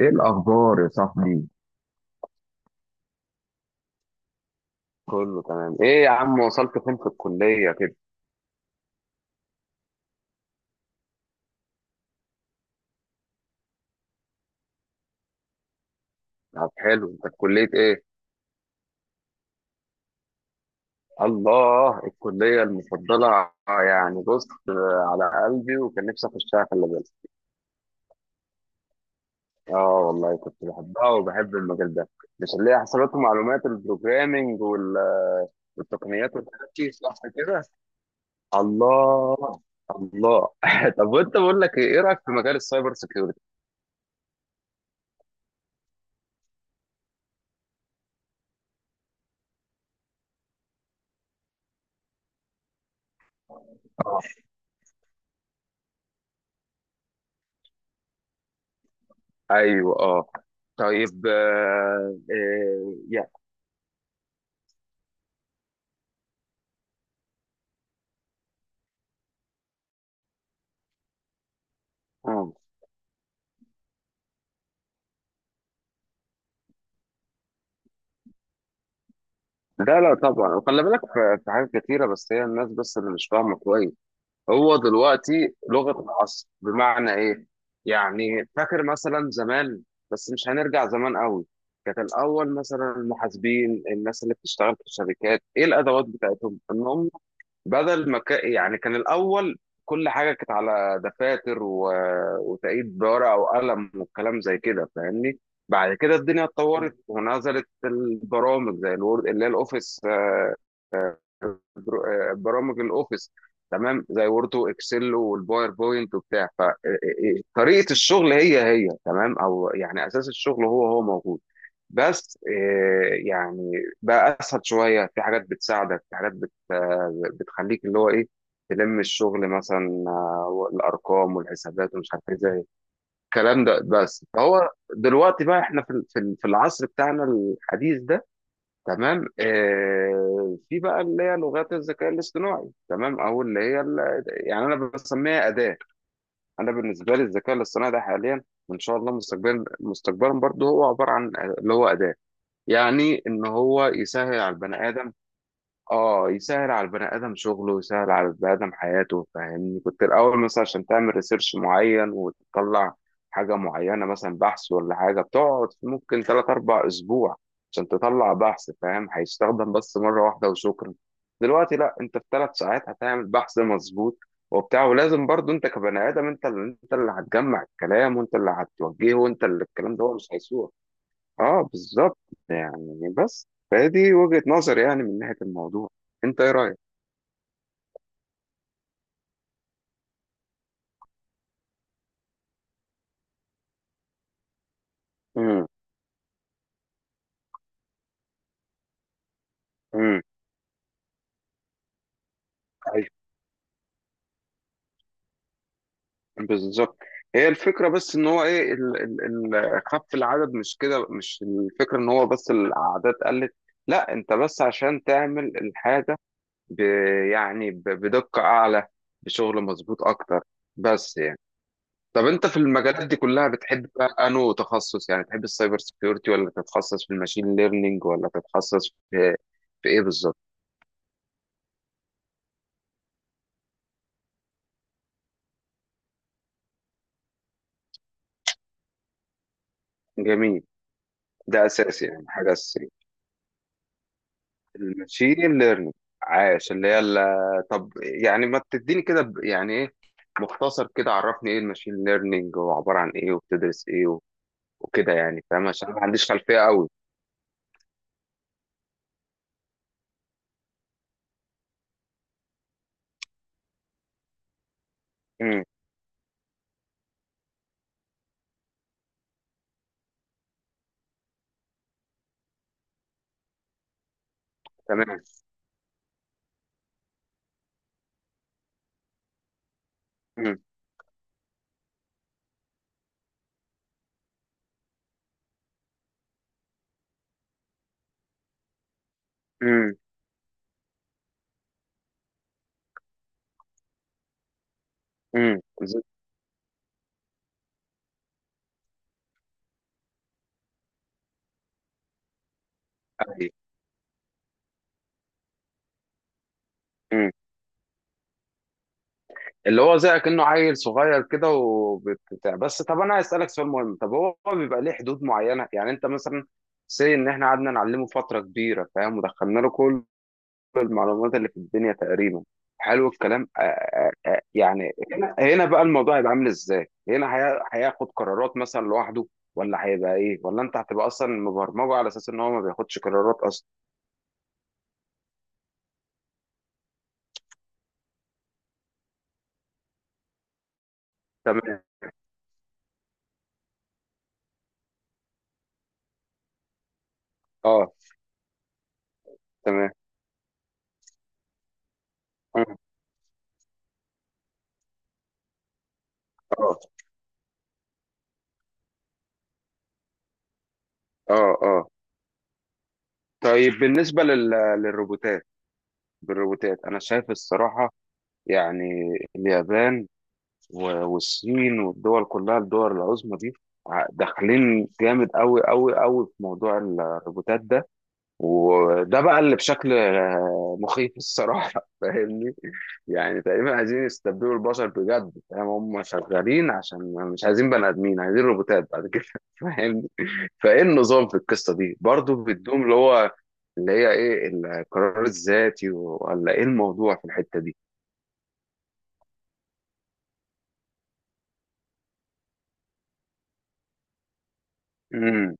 ايه الاخبار يا صاحبي؟ كله تمام ايه يا عم، وصلت فين في الكلية كده؟ طب حلو، انت في كلية ايه؟ الله، الكلية المفضلة يعني. بص، على قلبي وكان نفسي اخشها، خلي بالك. اه والله كنت بحبها وبحب المجال ده. مش اللي هي حسابات ومعلومات البروجرامينج والتقنيات والحاجات دي، صح كده؟ الله الله طب وانت، بقول لك ايه، إيه رايك في مجال السايبر سيكيورتي؟ ايوه اه. طيب، آه، اه لا لا طبعا. وخلي بالك، في حاجات كتيرة، بس هي الناس بس اللي مش فاهمة كويس. هو دلوقتي لغة العصر، بمعنى ايه؟ يعني فاكر مثلا زمان، بس مش هنرجع زمان قوي. كانت الأول مثلا المحاسبين، الناس اللي بتشتغل في الشركات، ايه الأدوات بتاعتهم؟ إن هم بدل ما يعني كان الأول كل حاجة كانت على دفاتر و... وتقييد بورقة وقلم والكلام زي كده، فاهمني. بعد كده الدنيا اتطورت ونزلت البرامج زي الوورد اللي هي الأوفيس. برامج الأوفيس، تمام، زي وورد وإكسل والباوربوينت وبتاع. فطريقة الشغل هي هي تمام، أو يعني أساس الشغل هو هو موجود، بس يعني بقى اسهل شويه، في حاجات بتساعدك، في حاجات بت آه، بتخليك اللي هو ايه، تلم الشغل مثلا، الارقام والحسابات ومش عارف ايه، زي الكلام ده. بس فهو دلوقتي بقى احنا في العصر بتاعنا الحديث ده، تمام. في بقى اللي هي لغات الذكاء الاصطناعي، تمام، او يعني انا بسميها اداه. انا بالنسبه لي الذكاء الاصطناعي ده حاليا وان شاء الله مستقبلا، مستقبلا برضه، هو عباره عن اللي هو اداه. يعني ان هو يسهل على البني ادم. اه يسهل على البني ادم شغله، يسهل على البني ادم حياته، فاهمني. كنت الاول مثلا عشان تعمل ريسيرش معين وتطلع حاجه معينه، مثلا بحث ولا حاجه، بتقعد ممكن 3 4 اسبوع عشان تطلع بحث فاهم. هيستخدم بس مره واحده وشكرا. دلوقتي لا، انت في 3 ساعات هتعمل بحث مظبوط وبتاع، ولازم برضو انت كبني ادم، انت انت اللي هتجمع الكلام، وانت اللي هتوجهه، وانت اللي الكلام ده هو مش هيسوق. اه بالظبط. يعني بس فدي وجهة نظري، يعني من ناحية الموضوع. انت ايه رأيك؟ امم. امم. ايوه. بالظبط. هي الفكرة بس ان هو ايه ال خف العدد، مش كده، مش الفكرة ان هو بس الاعداد قلت. لا، انت بس عشان تعمل الحاجة، ب يعني بدقة اعلى، بشغل مظبوط اكتر. بس طب انت في المجالات دي كلها بتحب بقى انو تخصص، يعني تحب السايبر سيكيورتي، ولا تتخصص في الماشين ليرنينج، ولا تتخصص في ايه بالظبط؟ جميل. ده اساسي يعني، حاجه اساسيه الماشين ليرنينج. عاش. طب يعني ما تديني كده يعني ايه، مختصر كده، عرفني ايه الماشين ليرنينج وعباره عن ايه وبتدرس ايه وكده، يعني فاهم، عشان أنا ما عنديش خلفيه قوي. امم. تمام. امم. امم. امم. اللي هو زي كأنه عيل صغير كده وبتاع. بس طب انا عايز اسالك سؤال مهم، طب هو بيبقى ليه حدود معينه؟ يعني انت مثلا، سي ان احنا قعدنا نعلمه فتره كبيره فاهم، ودخلنا له كل المعلومات اللي في الدنيا تقريبا، حلو الكلام. يعني هنا بقى الموضوع هيبقى عامل ازاي؟ هنا هياخد قرارات مثلا لوحده، ولا هيبقى ايه، ولا انت هتبقى اصلا مبرمجه على اساس ان هو ما بياخدش قرارات اصلا؟ تمام. اه تمام. اه. اه. اه. طيب بالنسبه للروبوتات. بالروبوتات انا شايف الصراحه، يعني اليابان والصين والدول كلها، الدول العظمى دي، داخلين جامد قوي قوي قوي في موضوع الروبوتات ده، وده بقى اللي بشكل مخيف الصراحه فاهمني. يعني تقريبا عايزين يستبدلوا البشر، بجد فاهم، هم شغالين عشان مش عايزين بني ادمين، عايزين روبوتات بعد كده فاهمني. فايه النظام في القصه دي برضو، بيدوم اللي هو اللي هي ايه، القرار الذاتي، ولا ايه الموضوع في الحته دي؟ امم.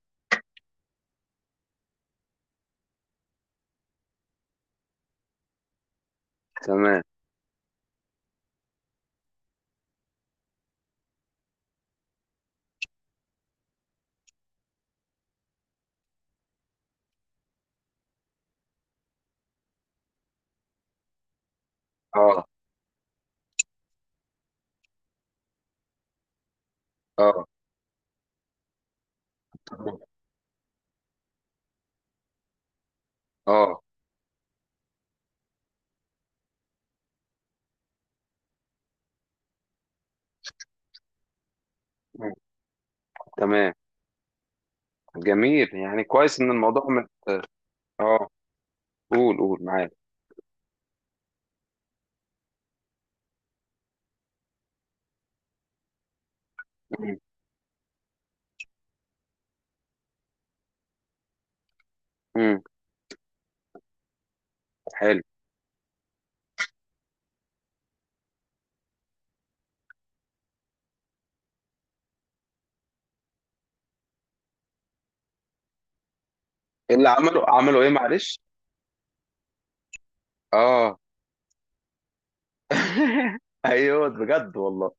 تمام. اه. اه. اه. مم. تمام. جميل، يعني كويس ان الموضوع مت... اه. قول قول معاك. مم. مم. حلو. اللي عملوا، عملوا ايه معلش؟ اه ايوه، بجد والله.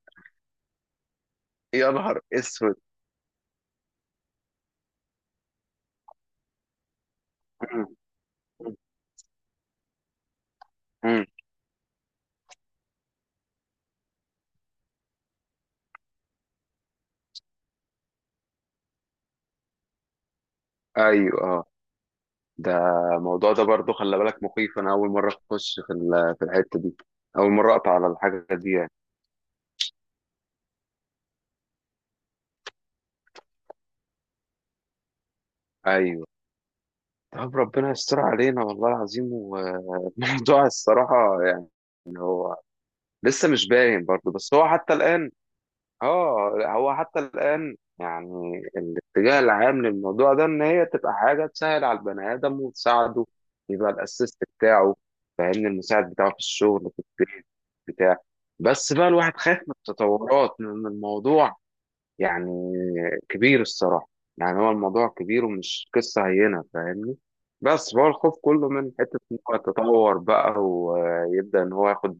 يا نهار اسود. مم. مم. ايوه اه. ده الموضوع ده برضه خلي بالك مخيف، انا اول مره اخش في الحته دي، اول مره اقطع على الحاجه دي يعني. ايوه. طب ربنا يستر علينا والله العظيم. والموضوع الصراحه يعني. هو لسه مش باين برضه، بس هو حتى الان، اه هو حتى الان، يعني الاتجاه العام للموضوع ده ان هي تبقى حاجه تسهل على البني ادم وتساعده، يبقى الاسيست بتاعه، فاهمني، المساعد بتاعه في الشغل في البيت بتاع. بس بقى الواحد خايف من التطورات، من الموضوع يعني كبير الصراحة. يعني هو الموضوع كبير ومش قصة هينة، فاهمني. بس هو الخوف كله من حتة إن هو يتطور بقى ويبدأ إن هو ياخد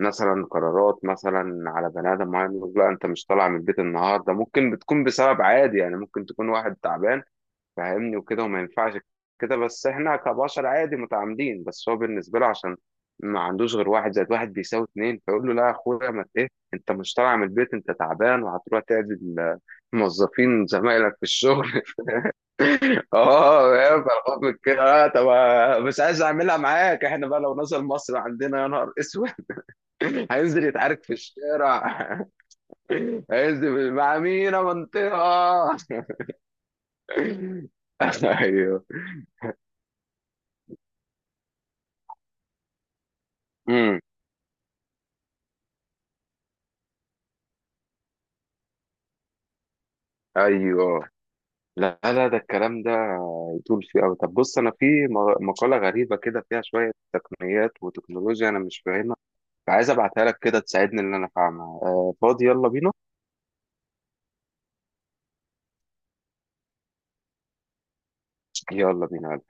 مثلا قرارات مثلا على بني آدم معين، يقول لا أنت مش طالع من البيت النهاردة. ممكن بتكون بسبب عادي، يعني ممكن تكون واحد تعبان، فاهمني، وكده، وما ينفعش كده. بس احنا كبشر عادي متعامدين، بس هو بالنسبه له، عشان ما عندوش غير واحد زائد واحد بيساوي اتنين، فيقول له لا يا اخويا، ما ت- ايه، انت مش طالع من البيت، انت تعبان وهتروح تعدل موظفين زمايلك في الشغل اه فاهم؟ فالخوف من كده. طب، مش عايز اعملها معاك، احنا بقى لو نزل مصر عندنا يا نهار اسود هينزل يتعارك في الشارع هينزل مع مين يا منطقه ايوه. ايوه. لا لا، ده الكلام ده يطول فيه قوي. طب بص، انا في مقاله غريبه كده فيها شويه تقنيات وتكنولوجيا انا مش فاهمها، فعايز ابعتها لك كده تساعدني ان انا افهمها. آه فاضي؟ يلا بينا. يلا بينا.